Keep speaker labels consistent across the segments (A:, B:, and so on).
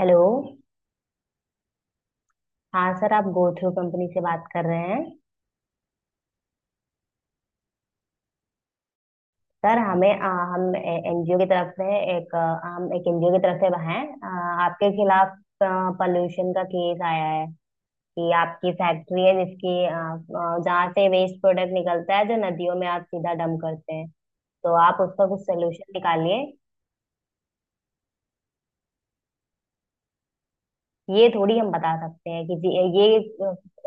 A: Hello. हाँ sir, आप गोथ्रू कंपनी से बात कर रहे हैं। सर हमें हम एनजीओ की तरफ से एक हम एक एनजीओ की तरफ से हैं, आपके खिलाफ पोल्यूशन का केस आया है कि आपकी फैक्ट्री है जिसकी जहाँ से वेस्ट प्रोडक्ट निकलता है जो नदियों में आप सीधा डंप करते हैं। तो आप उसका कुछ सोल्यूशन निकालिए। ये थोड़ी हम बता सकते हैं कि ये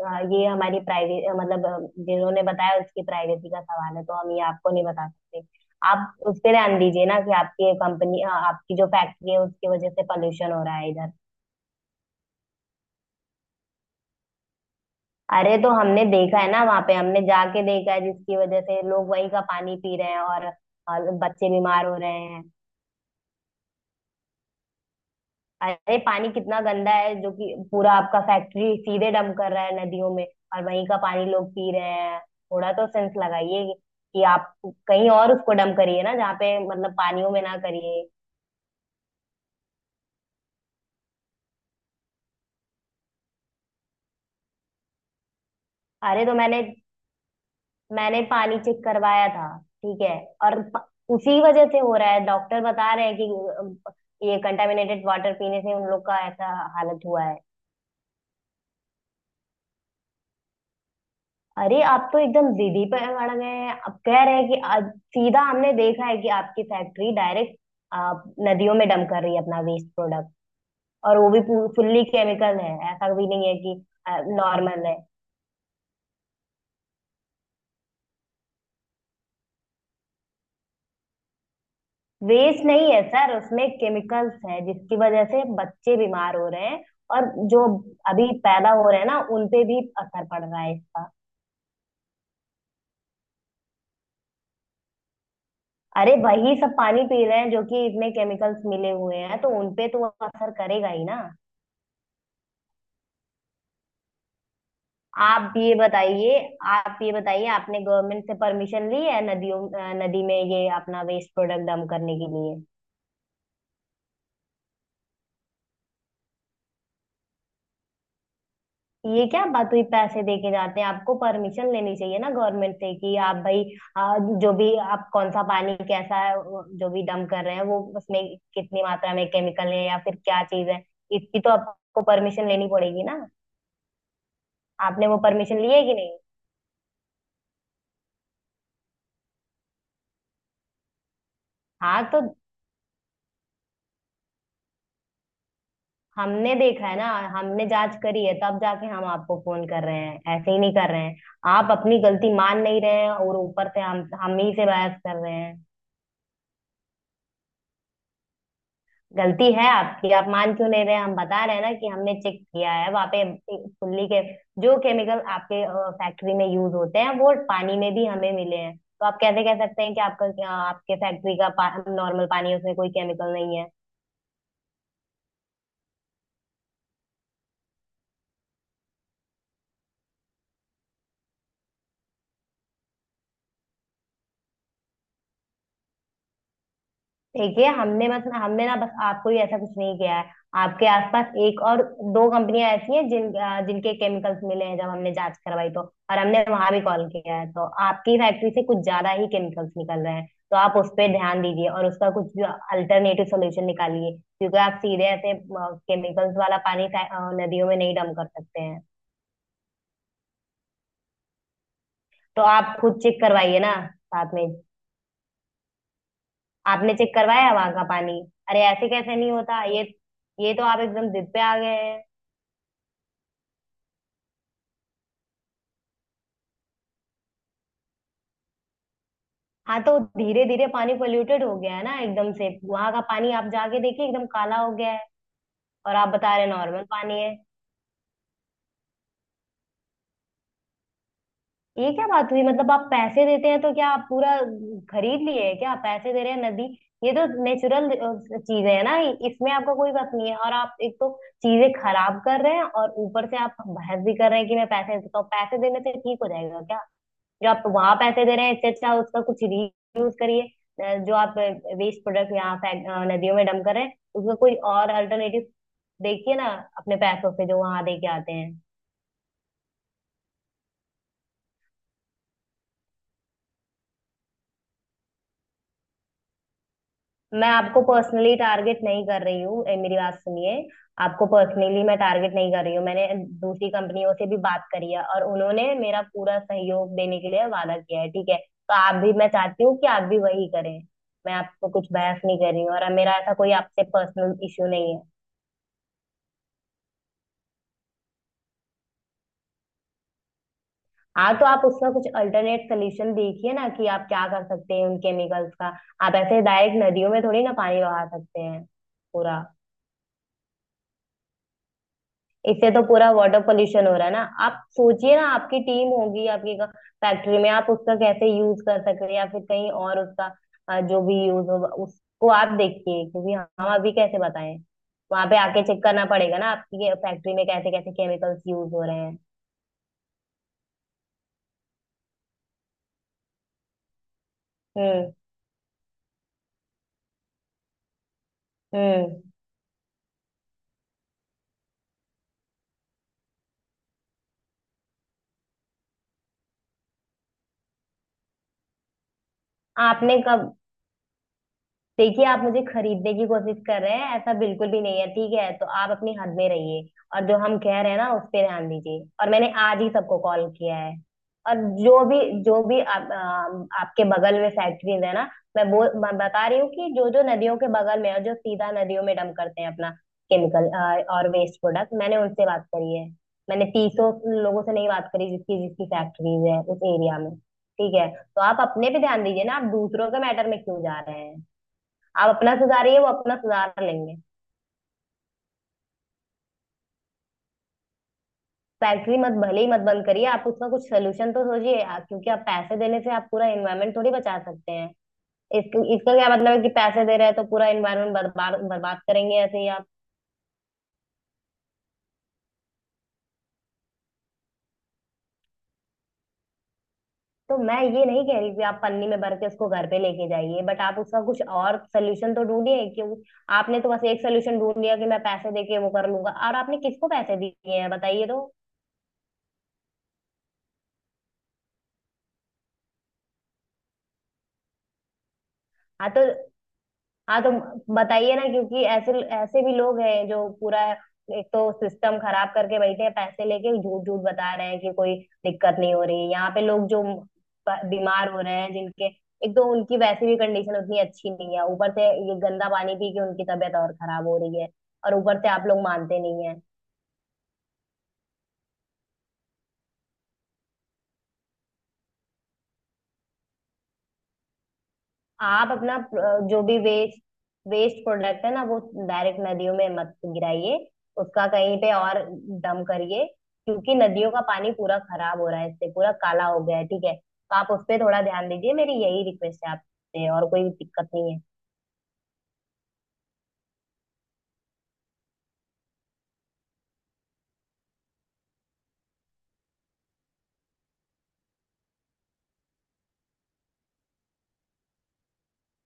A: ये हमारी प्राइवेट मतलब, जिन्होंने बताया उसकी प्राइवेसी का सवाल है, तो हम ये आपको नहीं बता सकते। आप उस पे ध्यान दीजिए ना कि आपकी कंपनी, आपकी जो फैक्ट्री है उसकी वजह से पॉल्यूशन हो रहा है इधर। अरे तो हमने देखा है ना, वहां पे हमने जाके देखा है, जिसकी वजह से लोग वही का पानी पी रहे हैं और बच्चे बीमार हो रहे हैं। अरे पानी कितना गंदा है, जो कि पूरा आपका फैक्ट्री सीधे डंप कर रहा है नदियों में, और वहीं का पानी लोग पी रहे हैं। थोड़ा तो सेंस लगाइए कि आप कहीं और उसको डंप करिए ना, जहाँ पे मतलब पानियों में ना करिए। अरे तो मैंने मैंने पानी चेक करवाया था, ठीक है। और प- उसी वजह से हो रहा है, डॉक्टर बता रहे हैं कि अ, ये कंटामिनेटेड वाटर पीने से उन लोग का ऐसा हालत हुआ है। अरे आप तो एकदम जिद ही पे अड़ गए हैं, अब कह रहे हैं कि आज सीधा हमने देखा है कि आपकी फैक्ट्री डायरेक्ट आप नदियों में डंप कर रही है अपना वेस्ट प्रोडक्ट, और वो भी फुल्ली केमिकल है, ऐसा भी नहीं है कि नॉर्मल है। वेस्ट नहीं है सर, उसमें केमिकल्स है, जिसकी वजह से बच्चे बीमार हो रहे हैं। और जो अभी पैदा हो रहे हैं ना, उनपे भी असर पड़ रहा है इसका। अरे वही सब पानी पी रहे हैं जो कि इसमें केमिकल्स मिले हुए हैं, तो उनपे तो असर करेगा ही ना। आप भी ये बताइए, आप ये बताइए आपने गवर्नमेंट से परमिशन ली है नदियों, नदी में ये अपना वेस्ट प्रोडक्ट डंप करने के लिए? ये क्या बात हुई पैसे देके जाते हैं, आपको परमिशन लेनी चाहिए ना गवर्नमेंट से कि आप भाई जो भी आप कौन सा पानी कैसा है, वो जो भी डंप कर रहे हैं वो उसमें कितनी मात्रा में केमिकल है या फिर क्या चीज है, इसकी तो आपको परमिशन लेनी पड़ेगी ना। आपने वो परमिशन ली है कि नहीं? हाँ तो हमने देखा है ना, हमने जांच करी है तब जाके हम आपको फोन कर रहे हैं, ऐसे ही नहीं कर रहे हैं। आप अपनी गलती मान नहीं रहे हैं और ऊपर से हम ही से बहस कर रहे हैं। गलती है आपकी, आप मान क्यों नहीं रहे हैं? हम बता रहे हैं ना कि हमने चेक किया है वहां पे। फुल्ली के जो केमिकल आपके फैक्ट्री में यूज होते हैं वो पानी में भी हमें मिले हैं, तो आप कैसे कह सकते हैं कि आपका आपके फैक्ट्री का नॉर्मल पानी है, उसमें कोई केमिकल नहीं है। देखिए हमने मतलब हमने ना बस आपको ही ऐसा कुछ नहीं किया है, आपके आसपास एक और दो कंपनियां ऐसी हैं जिन जिनके केमिकल्स मिले हैं जब हमने जांच करवाई, तो और हमने वहां भी कॉल किया है। तो आपकी फैक्ट्री से कुछ ज्यादा ही केमिकल्स निकल रहे हैं, तो आप उस पर ध्यान दीजिए और उसका कुछ जो अल्टरनेटिव सोल्यूशन निकालिए, क्योंकि आप सीधे ऐसे केमिकल्स वाला पानी नदियों में नहीं डम कर सकते हैं। तो आप खुद चेक करवाइए ना साथ में। आपने चेक करवाया वहां का पानी? अरे ऐसे कैसे नहीं होता ये तो आप एकदम जिद पे आ गए हैं। हाँ तो धीरे धीरे पानी पोल्यूटेड हो गया है ना एकदम से, वहां का पानी आप जाके देखिए एकदम काला हो गया है, और आप बता रहे हैं नॉर्मल पानी है। ये क्या बात हुई मतलब, आप पैसे देते हैं तो क्या आप पूरा खरीद लिए है क्या, पैसे दे रहे हैं? नदी ये तो नेचुरल चीज है ना, इसमें आपको कोई बात नहीं है, और आप एक तो चीजें खराब कर रहे हैं और ऊपर से आप बहस भी कर रहे हैं कि मैं पैसे देता हूँ, पैसे देने से ठीक हो जाएगा क्या? जो आप वहां पैसे दे रहे हैं, इससे अच्छा उसका कुछ रीयूज करिए। जो आप वेस्ट प्रोडक्ट यहाँ नदियों में डंप कर रहे हैं उसका कोई और अल्टरनेटिव देखिए ना, अपने पैसों से जो वहां दे के आते हैं। मैं आपको पर्सनली टारगेट नहीं कर रही हूँ, मेरी बात सुनिए, आपको पर्सनली मैं टारगेट नहीं कर रही हूँ। मैंने दूसरी कंपनियों से भी बात करी है और उन्होंने मेरा पूरा सहयोग देने के लिए वादा किया है, ठीक है, तो आप भी मैं चाहती हूँ कि आप भी वही करें। मैं आपको कुछ बहस नहीं कर रही हूँ और मेरा ऐसा कोई आपसे पर्सनल इश्यू नहीं है। हाँ तो आप उसका कुछ अल्टरनेट सोल्यूशन देखिए ना कि आप क्या कर सकते हैं उन केमिकल्स का। आप ऐसे डायरेक्ट नदियों में थोड़ी ना पानी बहा सकते हैं पूरा, इससे तो पूरा वाटर पोल्यूशन हो रहा है ना। आप सोचिए ना, आपकी टीम होगी, आपकी फैक्ट्री में आप उसका कैसे यूज कर सकते हैं, या फिर कहीं और उसका जो भी यूज होगा उसको आप देखिए, क्योंकि हम अभी कैसे बताएं, वहां पे आके चेक करना पड़ेगा ना आपकी फैक्ट्री में कैसे कैसे केमिकल्स यूज हो रहे हैं। हम्म। हम्म। आपने कब, देखिए आप मुझे खरीदने की कोशिश कर रहे हैं, ऐसा बिल्कुल भी नहीं है, ठीक है, तो आप अपनी हद में रहिए और जो हम कह रहे हैं ना उस पे ध्यान दीजिए। और मैंने आज ही सबको कॉल किया है, और जो भी जो भी आपके बगल में फैक्ट्रीज है ना, मैं वो मैं बता रही हूँ कि जो जो नदियों के बगल में है और जो सीधा नदियों में डंप करते हैं अपना केमिकल और वेस्ट प्रोडक्ट, मैंने उनसे बात करी है। मैंने तीसों लोगों से नहीं बात करी जिसकी जिसकी फैक्ट्रीज है उस एरिया में, ठीक है, तो आप अपने पे ध्यान दीजिए ना, आप दूसरों के मैटर में क्यों जा रहे हैं? आप अपना सुधारिए, वो अपना सुधार लेंगे। फैक्ट्री मत, भले ही मत बंद करिए, आप उसका कुछ सोल्यूशन तो सोचिए, आप- क्योंकि आप पैसे देने से आप पूरा एनवायरनमेंट थोड़ी बचा सकते हैं। इसका क्या मतलब है कि पैसे दे रहे हैं तो पूरा एनवायरनमेंट बर्बाद बर्बाद करेंगे ऐसे ही आप? तो मैं ये नहीं कह रही कि आप पन्नी में भर के उसको घर पे लेके जाइए, बट आप उसका कुछ और सोल्यूशन तो ढूंढिए क्यों। आपने तो बस एक सोल्यूशन ढूंढ लिया कि मैं पैसे दे के वो कर लूंगा, और आपने किसको पैसे दिए हैं बताइए तो। हाँ तो हाँ तो बताइए ना, क्योंकि ऐसे ऐसे भी लोग हैं जो पूरा एक तो सिस्टम खराब करके बैठे हैं, पैसे लेके झूठ झूठ बता रहे हैं कि कोई दिक्कत नहीं हो रही। यहाँ पे लोग जो बीमार हो रहे हैं जिनके एक तो उनकी वैसे भी कंडीशन उतनी अच्छी नहीं है, ऊपर से ये गंदा पानी पी के उनकी तबीयत और खराब हो रही है और ऊपर से आप लोग मानते नहीं है। आप अपना जो भी वेस्ट वेस्ट प्रोडक्ट है ना वो डायरेक्ट नदियों में मत गिराइए, उसका कहीं पे और डम करिए, क्योंकि नदियों का पानी पूरा खराब हो रहा है, इससे पूरा काला हो गया है। ठीक है तो आप उस पे थोड़ा ध्यान दीजिए, मेरी यही रिक्वेस्ट है आपसे, और कोई दिक्कत नहीं है।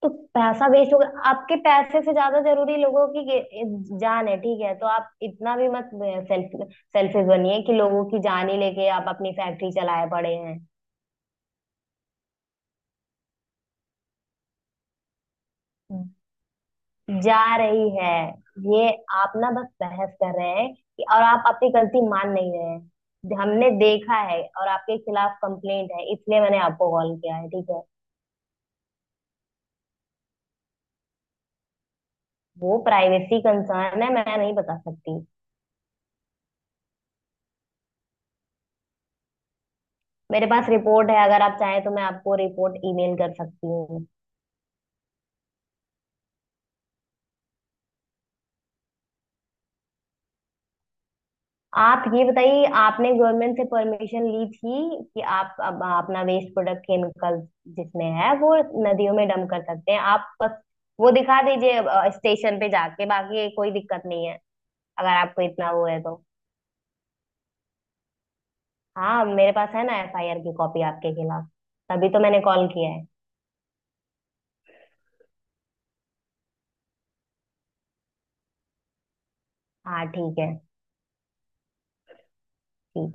A: तो पैसा वेस्ट हो गया, आपके पैसे से ज्यादा जरूरी लोगों की जान है, ठीक है, तो आप इतना भी मत सेल्फिश बनिए कि लोगों की जान ही लेके आप अपनी फैक्ट्री चलाए पड़े हैं। जा रही है ये। आप ना बस बहस कर रहे हैं कि, और आप अपनी गलती मान नहीं रहे हैं। हमने देखा है और आपके खिलाफ कंप्लेंट है, इसलिए मैंने आपको कॉल किया है, ठीक है। वो प्राइवेसी कंसर्न है, मैं नहीं बता सकती। मेरे पास रिपोर्ट है, अगर आप चाहें तो मैं आपको रिपोर्ट ईमेल कर सकती हूँ। आप ये बताइए आपने गवर्नमेंट से परमिशन ली थी कि आप अब अपना वेस्ट प्रोडक्ट केमिकल जिसमें है वो नदियों में डंप कर सकते हैं? आप बस वो दिखा दीजिए स्टेशन पे जाके, बाकी कोई दिक्कत नहीं है अगर आपको इतना वो है तो। हाँ मेरे पास है ना एफआईआर की कॉपी आपके खिलाफ, तभी तो मैंने कॉल किया है। हाँ ठीक है, ठीक है।